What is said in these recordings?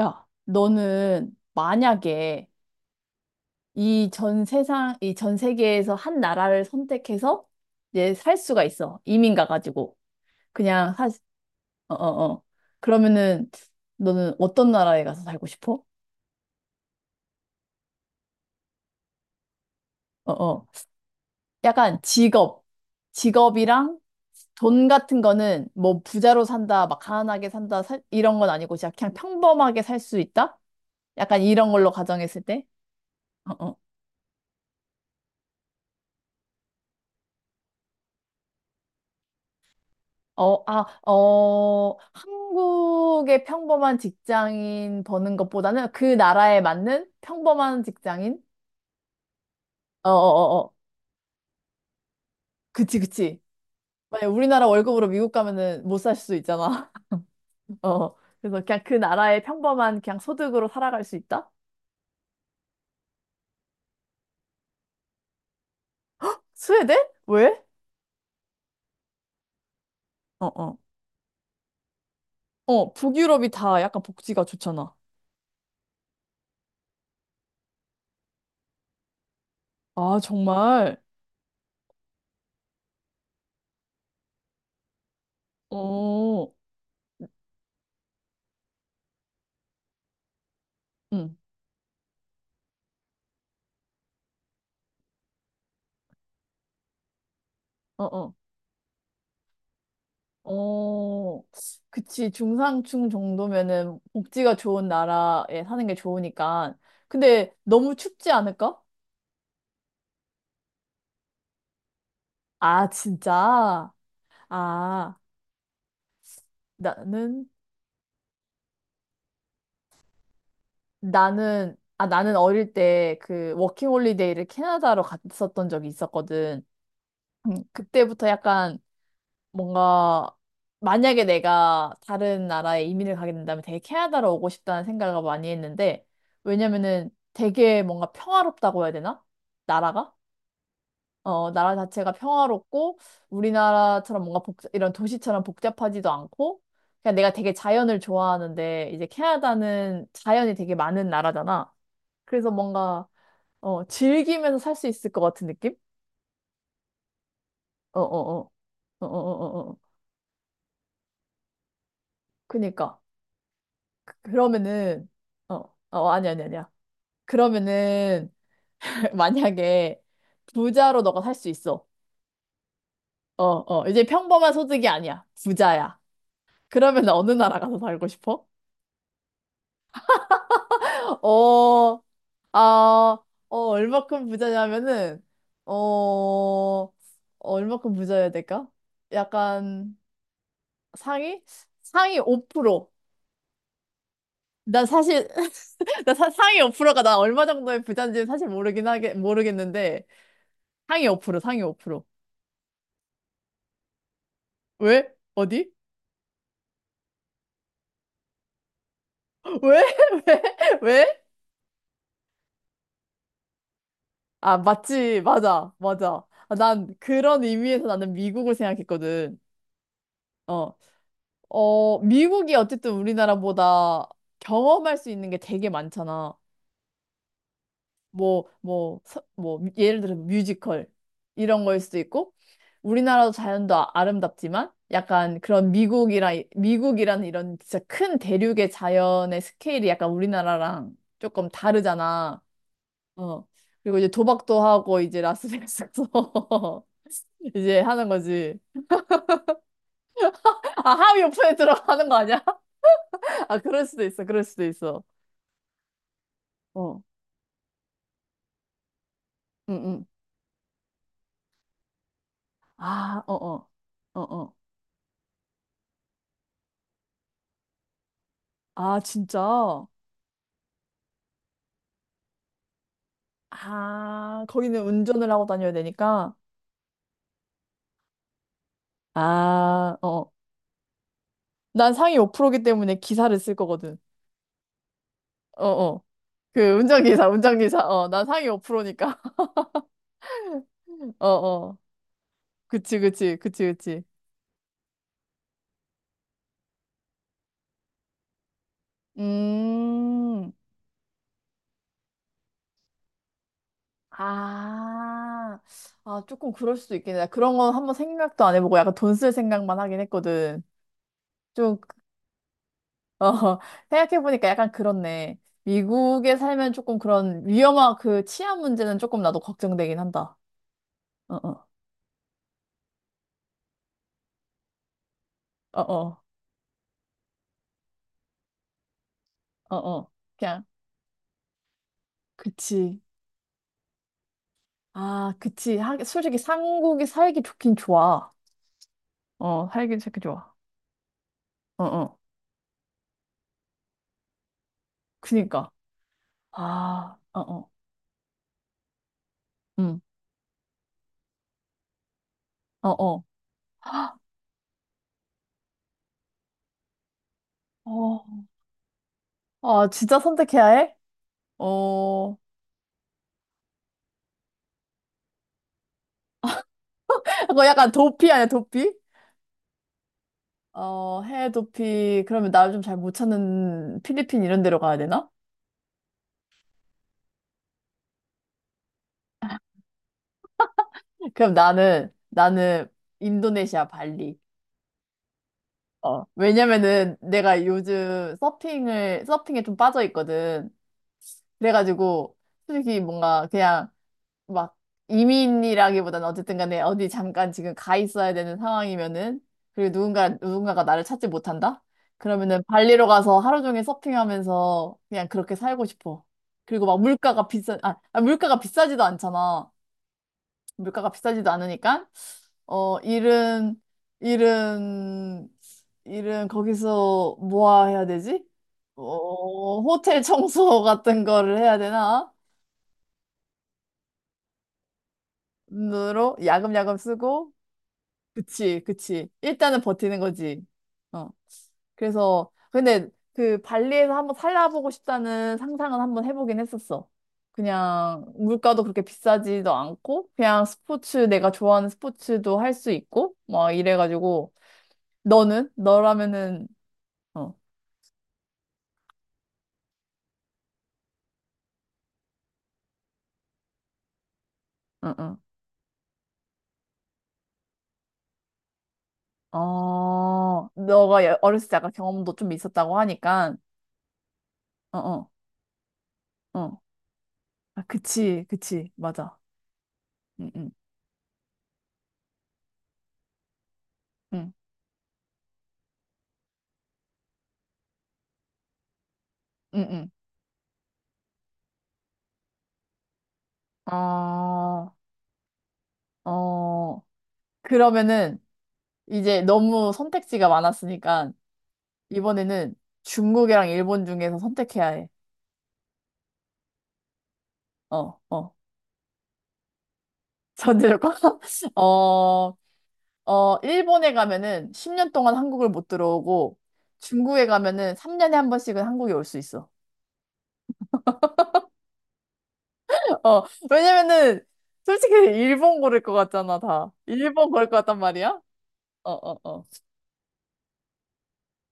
야, 너는 만약에 이 전 세상, 이 전 세계에서 한 나라를 선택해서 이제 살 수가 있어. 이민 가가지고. 그냥 사, 어, 어, 어. 그러면은 너는 어떤 나라에 가서 살고 싶어? 어, 어. 약간 직업, 직업이랑 돈 같은 거는 뭐 부자로 산다, 막 가난하게 산다, 이런 건 아니고 진짜 그냥 평범하게 살 수 있다? 약간 이런 걸로 가정했을 때? 어, 어. 한국의 평범한 직장인 버는 것보다는 그 나라에 맞는 평범한 직장인? 어, 어, 어, 어. 그치, 그치. 만약 우리나라 월급으로 미국 가면은 못 살 수도 있잖아. 어. 그래서 그냥 그 나라의 평범한 그냥 소득으로 살아갈 수 있다? 스웨덴? 왜? 어, 어. 북유럽이 다 약간 복지가 좋잖아. 아, 정말? 어, 응. 어, 어. 어, 그치. 중상층 정도면은 복지가 좋은 나라에 사는 게 좋으니까. 근데 너무 춥지 않을까? 아, 진짜? 아, 나는, 나는 어릴 때 그 워킹 홀리데이를 캐나다로 갔었던 적이 있었거든. 그때부터 약간 뭔가 만약에 내가 다른 나라에 이민을 가게 된다면 되게 캐나다로 오고 싶다는 생각을 많이 했는데 왜냐면은 되게 뭔가 평화롭다고 해야 되나? 나라가? 어, 나라 자체가 평화롭고 우리나라처럼 뭔가 이런 도시처럼 복잡하지도 않고 그냥 내가 되게 자연을 좋아하는데 이제 캐나다는 자연이 되게 많은 나라잖아. 그래서 뭔가 즐기면서 살 수 있을 것 같은 느낌? 어, 어, 어, 어, 어, 어, 어. 어. 그니까. 그러면은, 어, 아니, 아니, 아니야. 그러면은, 만약에 부자로 너가 살 수 있어. 어, 어, 이제 평범한 소득이 아니야. 부자야. 그러면 어느 나라 가서 살고 싶어? 어, 아, 얼마큼 부자냐면은, 어, 어, 얼마큼 부자여야 될까? 약간 상위? 상위 5%. 난 사실, 상위 5%가 나 얼마 정도의 부자인지 사실 모르겠는데, 상위 5%, 상위 5%. 왜? 어디? 왜? 왜? 왜? 아, 맞지. 맞아. 맞아. 아, 난 그런 의미에서 나는 미국을 생각했거든. 어. 미국이 어쨌든 우리나라보다 경험할 수 있는 게 되게 많잖아. 뭐, 예를 들어 뮤지컬 이런 거일 수도 있고, 우리나라도 자연도 아름답지만, 약간 그런 미국이라는 이런 진짜 큰 대륙의 자연의 스케일이 약간 우리나라랑 조금 다르잖아. 어. 그리고 이제 도박도 하고 이제 라스베이거스 가서 이제 하는 거지. 아, 하위 오픈에 들어가는 거 아니야? 아, 그럴 수도 있어. 그럴 수도 있어. 어. 응, 응. 아, 어, 어. 어, 어. 아, 진짜? 아, 거기는 운전을 하고 다녀야 되니까. 아, 어. 난 상위 5%이기 때문에 기사를 쓸 거거든. 어, 어. 그 운전기사, 운전기사. 어, 난 상위 5%니까. 어, 어. 그치, 그치, 그치, 그치. 음. 아, 아, 조금 그럴 수도 있겠네. 나 그런 건 한번 생각도 안 해보고 약간 돈 쓸 생각만 하긴 했거든. 좀, 어, 생각해보니까 약간 그렇네. 미국에 살면 조금 그런 위험한 그 치안 문제는 조금 나도 걱정되긴 한다. 어, 어, 어, 어, 어, 어. 그냥, 그치. 아, 그치. 하, 솔직히 한국이 살기 좋긴 좋아. 어, 살긴 살기 좋아. 어, 어. 그니까. 아, 어, 어. 음, 어, 어. 어, 아, 진짜 선택해야 해? 어. 그거 약간 도피 아니야, 도피? 어, 해외 도피. 그러면 나를 좀 잘 못 찾는 필리핀 이런 데로 가야 되나? 그럼 나는 인도네시아 발리. 어, 왜냐면은 내가 요즘 서핑에 좀 빠져 있거든. 그래가지고, 솔직히 뭔가 그냥 막 이민이라기보다는 어쨌든 간에 어디 잠깐 지금 가 있어야 되는 상황이면은 그리고 누군가가 나를 찾지 못한다? 그러면은 발리로 가서 하루 종일 서핑하면서 그냥 그렇게 살고 싶어. 그리고 막 물가가 비싸지도 않잖아. 물가가 비싸지도 않으니까 어 일은 일은 일은 거기서 뭐야 해야 되지? 어 호텔 청소 같은 거를 해야 되나? 으로 야금야금 쓰고 그치, 그치. 일단은 버티는 거지. 어. 그래서, 근데 그 발리에서 한번 살아보고 싶다는 상상은 한번 해보긴 했었어. 그냥 물가도 그렇게 비싸지도 않고, 그냥 스포츠, 내가 좋아하는 스포츠도 할 수 있고, 막 이래가지고, 너는? 너라면은, 어, 응, 응. 어, 너가 어렸을 때 약간 경험도 좀 있었다고 하니까, 어, 어, 어. 아, 그치, 그치. 맞아. 응, 응, 응, 응, 응. 어, 어. 그러면은 이제 너무 선택지가 많았으니까 이번에는 중국이랑 일본 중에서 선택해야 해. 어, 어. 전제 조건? 어, 일본에 가면은 10년 동안 한국을 못 들어오고 중국에 가면은 3년에 한 번씩은 한국에 올 수 있어. 어, 왜냐면은 솔직히 일본 고를 것 같잖아, 다. 일본 고를 것 같단 말이야? 어, 어, 어.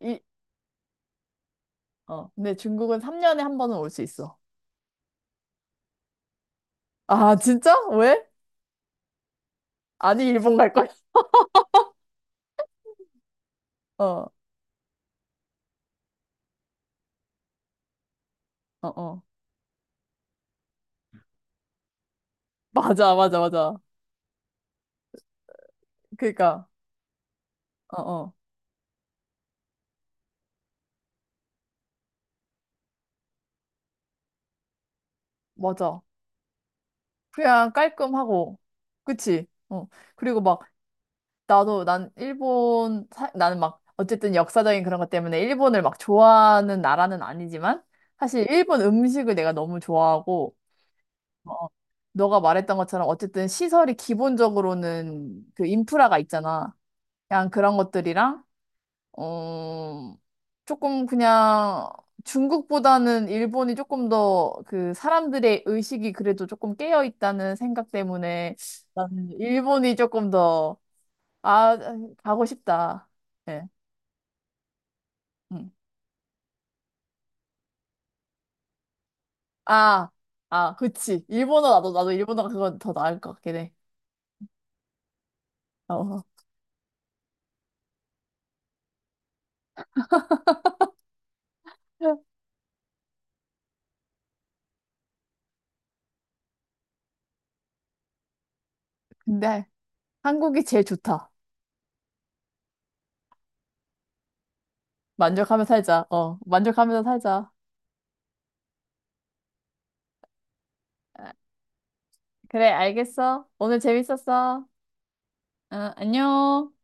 이, 어. 근데 중국은 3년에 한 번은 올 수 있어. 아, 진짜? 왜? 아니, 일본 갈 거야. 어, 어, 어. 맞아, 맞아, 맞아. 그러니까, 어, 어, 맞아. 그냥 깔끔하고, 그치? 어. 그리고 막, 나도, 난 일본, 사, 나는 막, 어쨌든 역사적인 그런 것 때문에 일본을 막 좋아하는 나라는 아니지만, 사실 일본 음식을 내가 너무 좋아하고, 어, 어. 너가 말했던 것처럼 어쨌든 시설이 기본적으로는 그 인프라가 있잖아. 그냥 그런 것들이랑, 어, 조금 그냥 중국보다는 일본이 조금 더 그 사람들의 의식이 그래도 조금 깨어 있다는 생각 때문에 나는 일본이 조금 더, 아, 가고 싶다. 예. 음. 아, 아, 그치. 일본어 나도 일본어가 그건 더 나을 것 같긴 해. 어. 근데 한국이 제일 좋다. 만족하며 살자. 어, 만족하면서 살자. 아, 그래, 알겠어. 오늘 재밌었어. 어, 안녕.